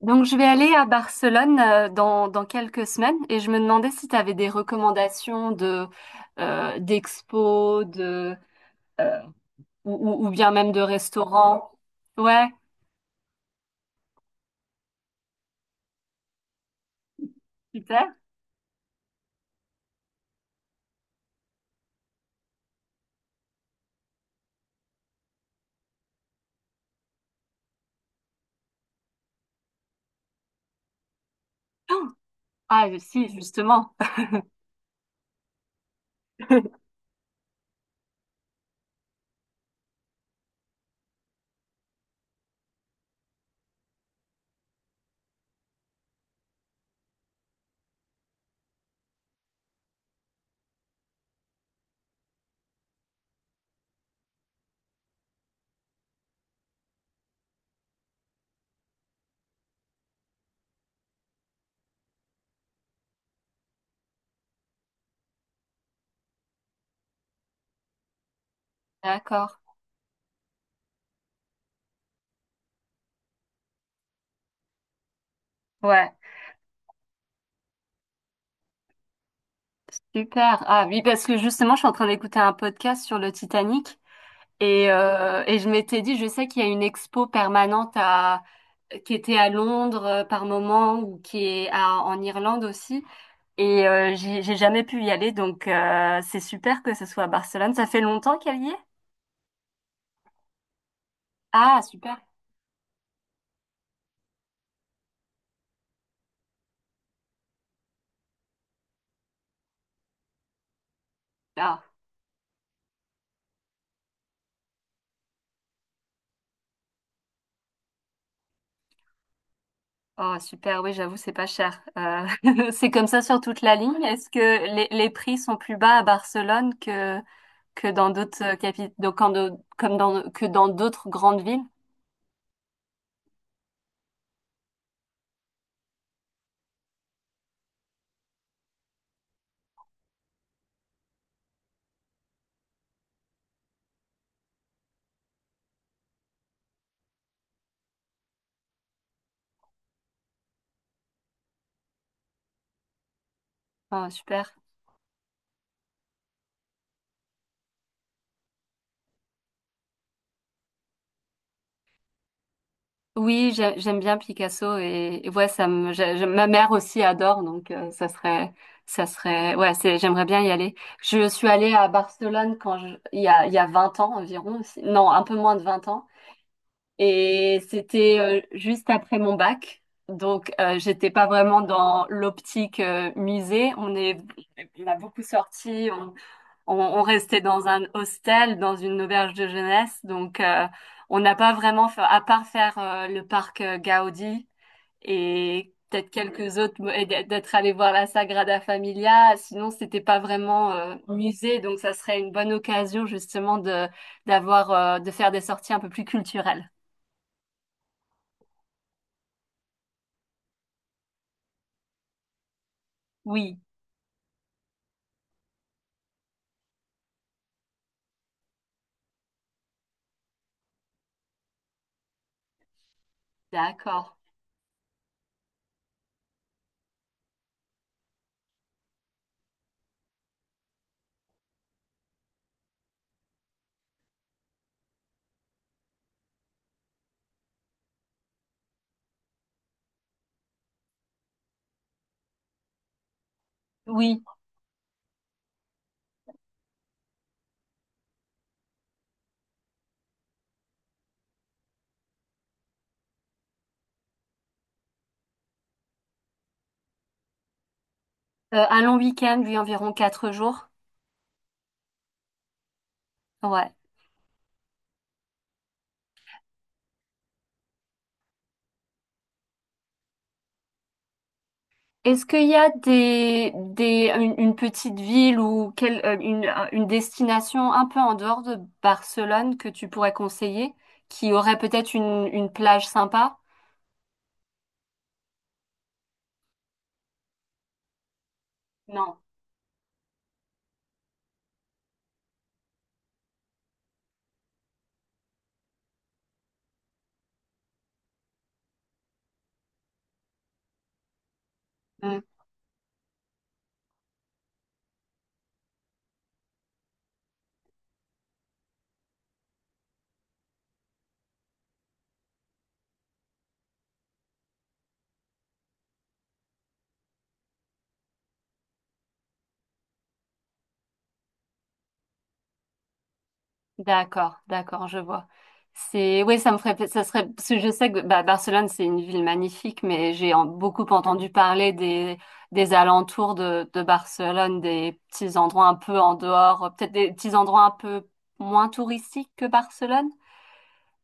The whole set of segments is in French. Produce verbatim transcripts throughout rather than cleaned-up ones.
Donc, je vais aller à Barcelone euh, dans, dans quelques semaines et je me demandais si tu avais des recommandations de euh, d'expos, de euh, ou, ou- ou bien même de restaurants. Ouais, super. Ah, si, justement. D'accord. Ouais, super. Ah oui, parce que justement, je suis en train d'écouter un podcast sur le Titanic et, euh, et je m'étais dit, je sais qu'il y a une expo permanente à, qui était à Londres euh, par moment ou qui est à- en Irlande aussi. Et euh, j'ai j'ai jamais pu y aller, donc euh, c'est super que ce soit à Barcelone. Ça fait longtemps qu'elle y est? Ah, super. Ah, oh, super, oui, j'avoue, c'est pas cher. Euh, c'est comme ça sur toute la ligne. Est-ce que les, les prix sont plus bas à Barcelone que, que dans d'autres capitales, comme dans, que dans d'autres grandes villes? Ah, super. Oui, j'ai- j'aime bien Picasso et, et ouais, ça me, j'ai- j'ai- ma mère aussi adore, donc euh, ça serait, ça serait, ouais, c'est, j'aimerais bien y aller. Je suis allée à Barcelone quand je, il y a, il y a vingt ans environ, aussi. Non, un peu moins de vingt ans, et c'était euh, juste après mon bac, donc euh, j'étais pas vraiment dans l'optique euh, musée. On est, on a beaucoup sorti, on, on restait dans un hostel, dans une auberge de jeunesse, donc euh, on n'a pas vraiment fait, à part faire euh, le parc euh, Gaudi et peut-être quelques autres, et d- d'être allé voir la Sagrada Familia, sinon c'était pas vraiment euh, musée, donc ça serait une bonne occasion justement de d'avoir euh, de faire des sorties un peu plus culturelles. Oui, d'accord. Oui, Euh, un long week-end, oui, environ quatre jours. Ouais. Est-ce qu'il y a des, des, une, une petite ville ou quelle, euh, une, un- une destination un peu en dehors de Barcelone que tu pourrais conseiller, qui aurait peut-être une, une plage sympa? Non. Hmm. D'accord, d'accord, je vois. C'est, oui, ça me ferait, ça serait, parce que je sais que bah, Barcelone, c'est une ville magnifique, mais j'ai en- beaucoup entendu parler des, des alentours de, de Barcelone, des petits endroits un peu en dehors, peut-être des petits endroits un peu moins touristiques que Barcelone.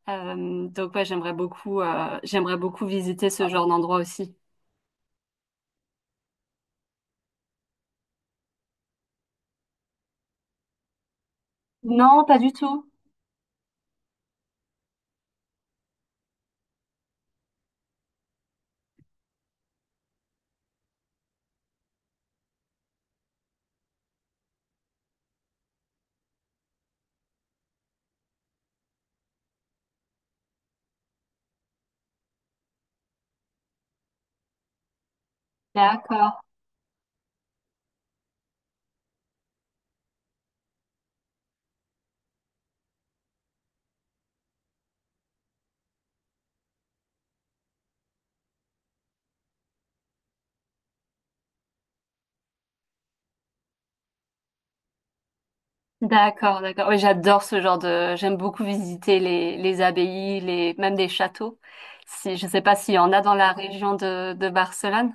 Euh, donc ouais, j'aimerais beaucoup, euh, j'aimerais beaucoup visiter ce genre d'endroit aussi. Non, pas du tout. D'accord. D'accord, d'accord. Oui, j'adore ce genre de. J'aime beaucoup visiter les, les abbayes, les même des châteaux. Si je sais pas s'il y en a dans la région de, de Barcelone.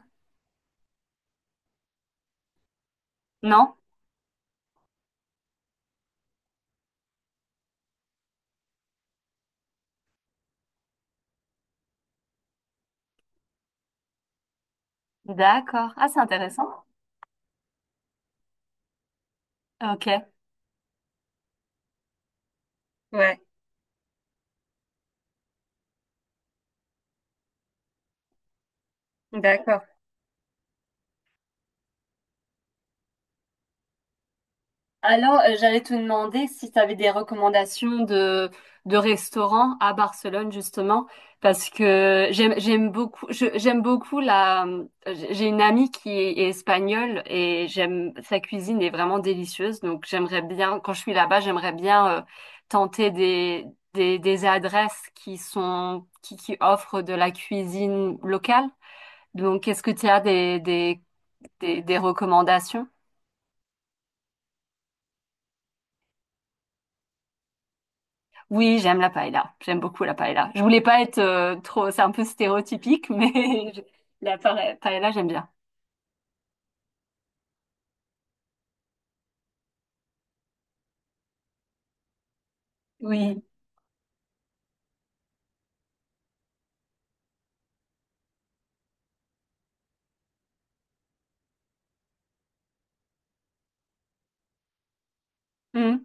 Non? D'accord. Ah, c'est intéressant. Ok. Ouais, d'accord. Alors, euh, j'allais te demander si tu avais des recommandations de, de restaurants à Barcelone, justement, parce que j'aime, j'aime beaucoup, je- j'aime beaucoup la, j'ai une amie qui est, est espagnole et j'aime, sa cuisine est vraiment délicieuse, donc j'aimerais bien, quand je suis là-bas, j'aimerais bien euh, tenter des, des, des adresses qui sont, qui, qui offrent de la cuisine locale. Donc, est-ce que tu as des, des, des, des recommandations? Oui, j'aime la paella. J'aime beaucoup la paella. Je voulais pas être euh, trop, c'est un peu stéréotypique, mais je- la pa- paella, j'aime bien. Oui. Mm,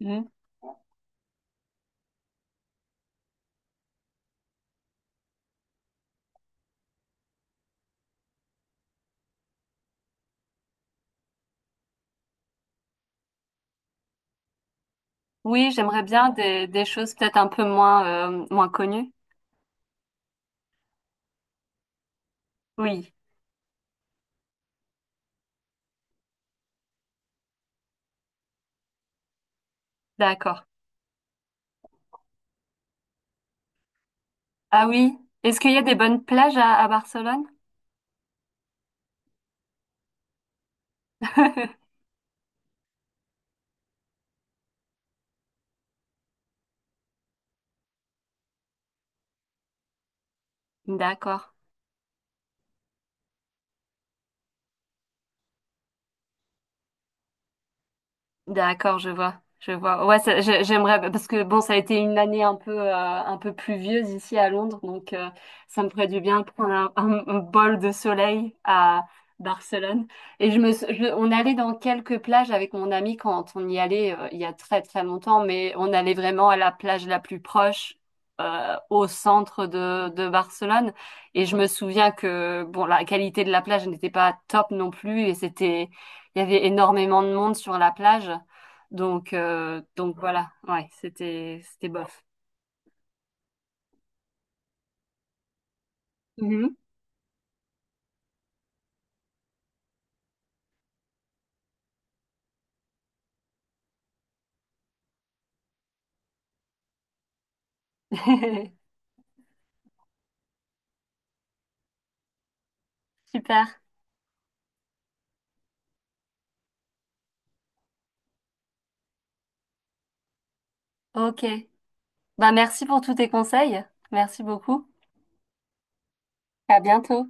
mm. Oui, j'aimerais bien des, des choses peut-être un peu moins euh, moins connues. Oui, d'accord. Ah oui. Est-ce qu'il y a des bonnes plages à, à Barcelone? D'accord. D'accord, je vois, je vois. Ouais, ça- j'ai- j'aimerais parce que bon, ça a été une année un peu euh, un peu pluvieuse ici à Londres, donc euh, ça me ferait du bien de prendre un, un- un bol de soleil à Barcelone. Et je me, sou- je- on allait dans quelques plages avec mon ami quand on y allait euh, il y a très très longtemps, mais on allait vraiment à la plage la plus proche. euh, au centre de, de Barcelone et je me souviens que bon la qualité de la plage n'était pas top non plus et c'était il y avait énormément de monde sur la plage. Donc, euh, donc voilà, ouais, c'était, c'était bof. Mhm. Super. Ok. Bah, merci pour tous tes conseils. Merci beaucoup. À bientôt.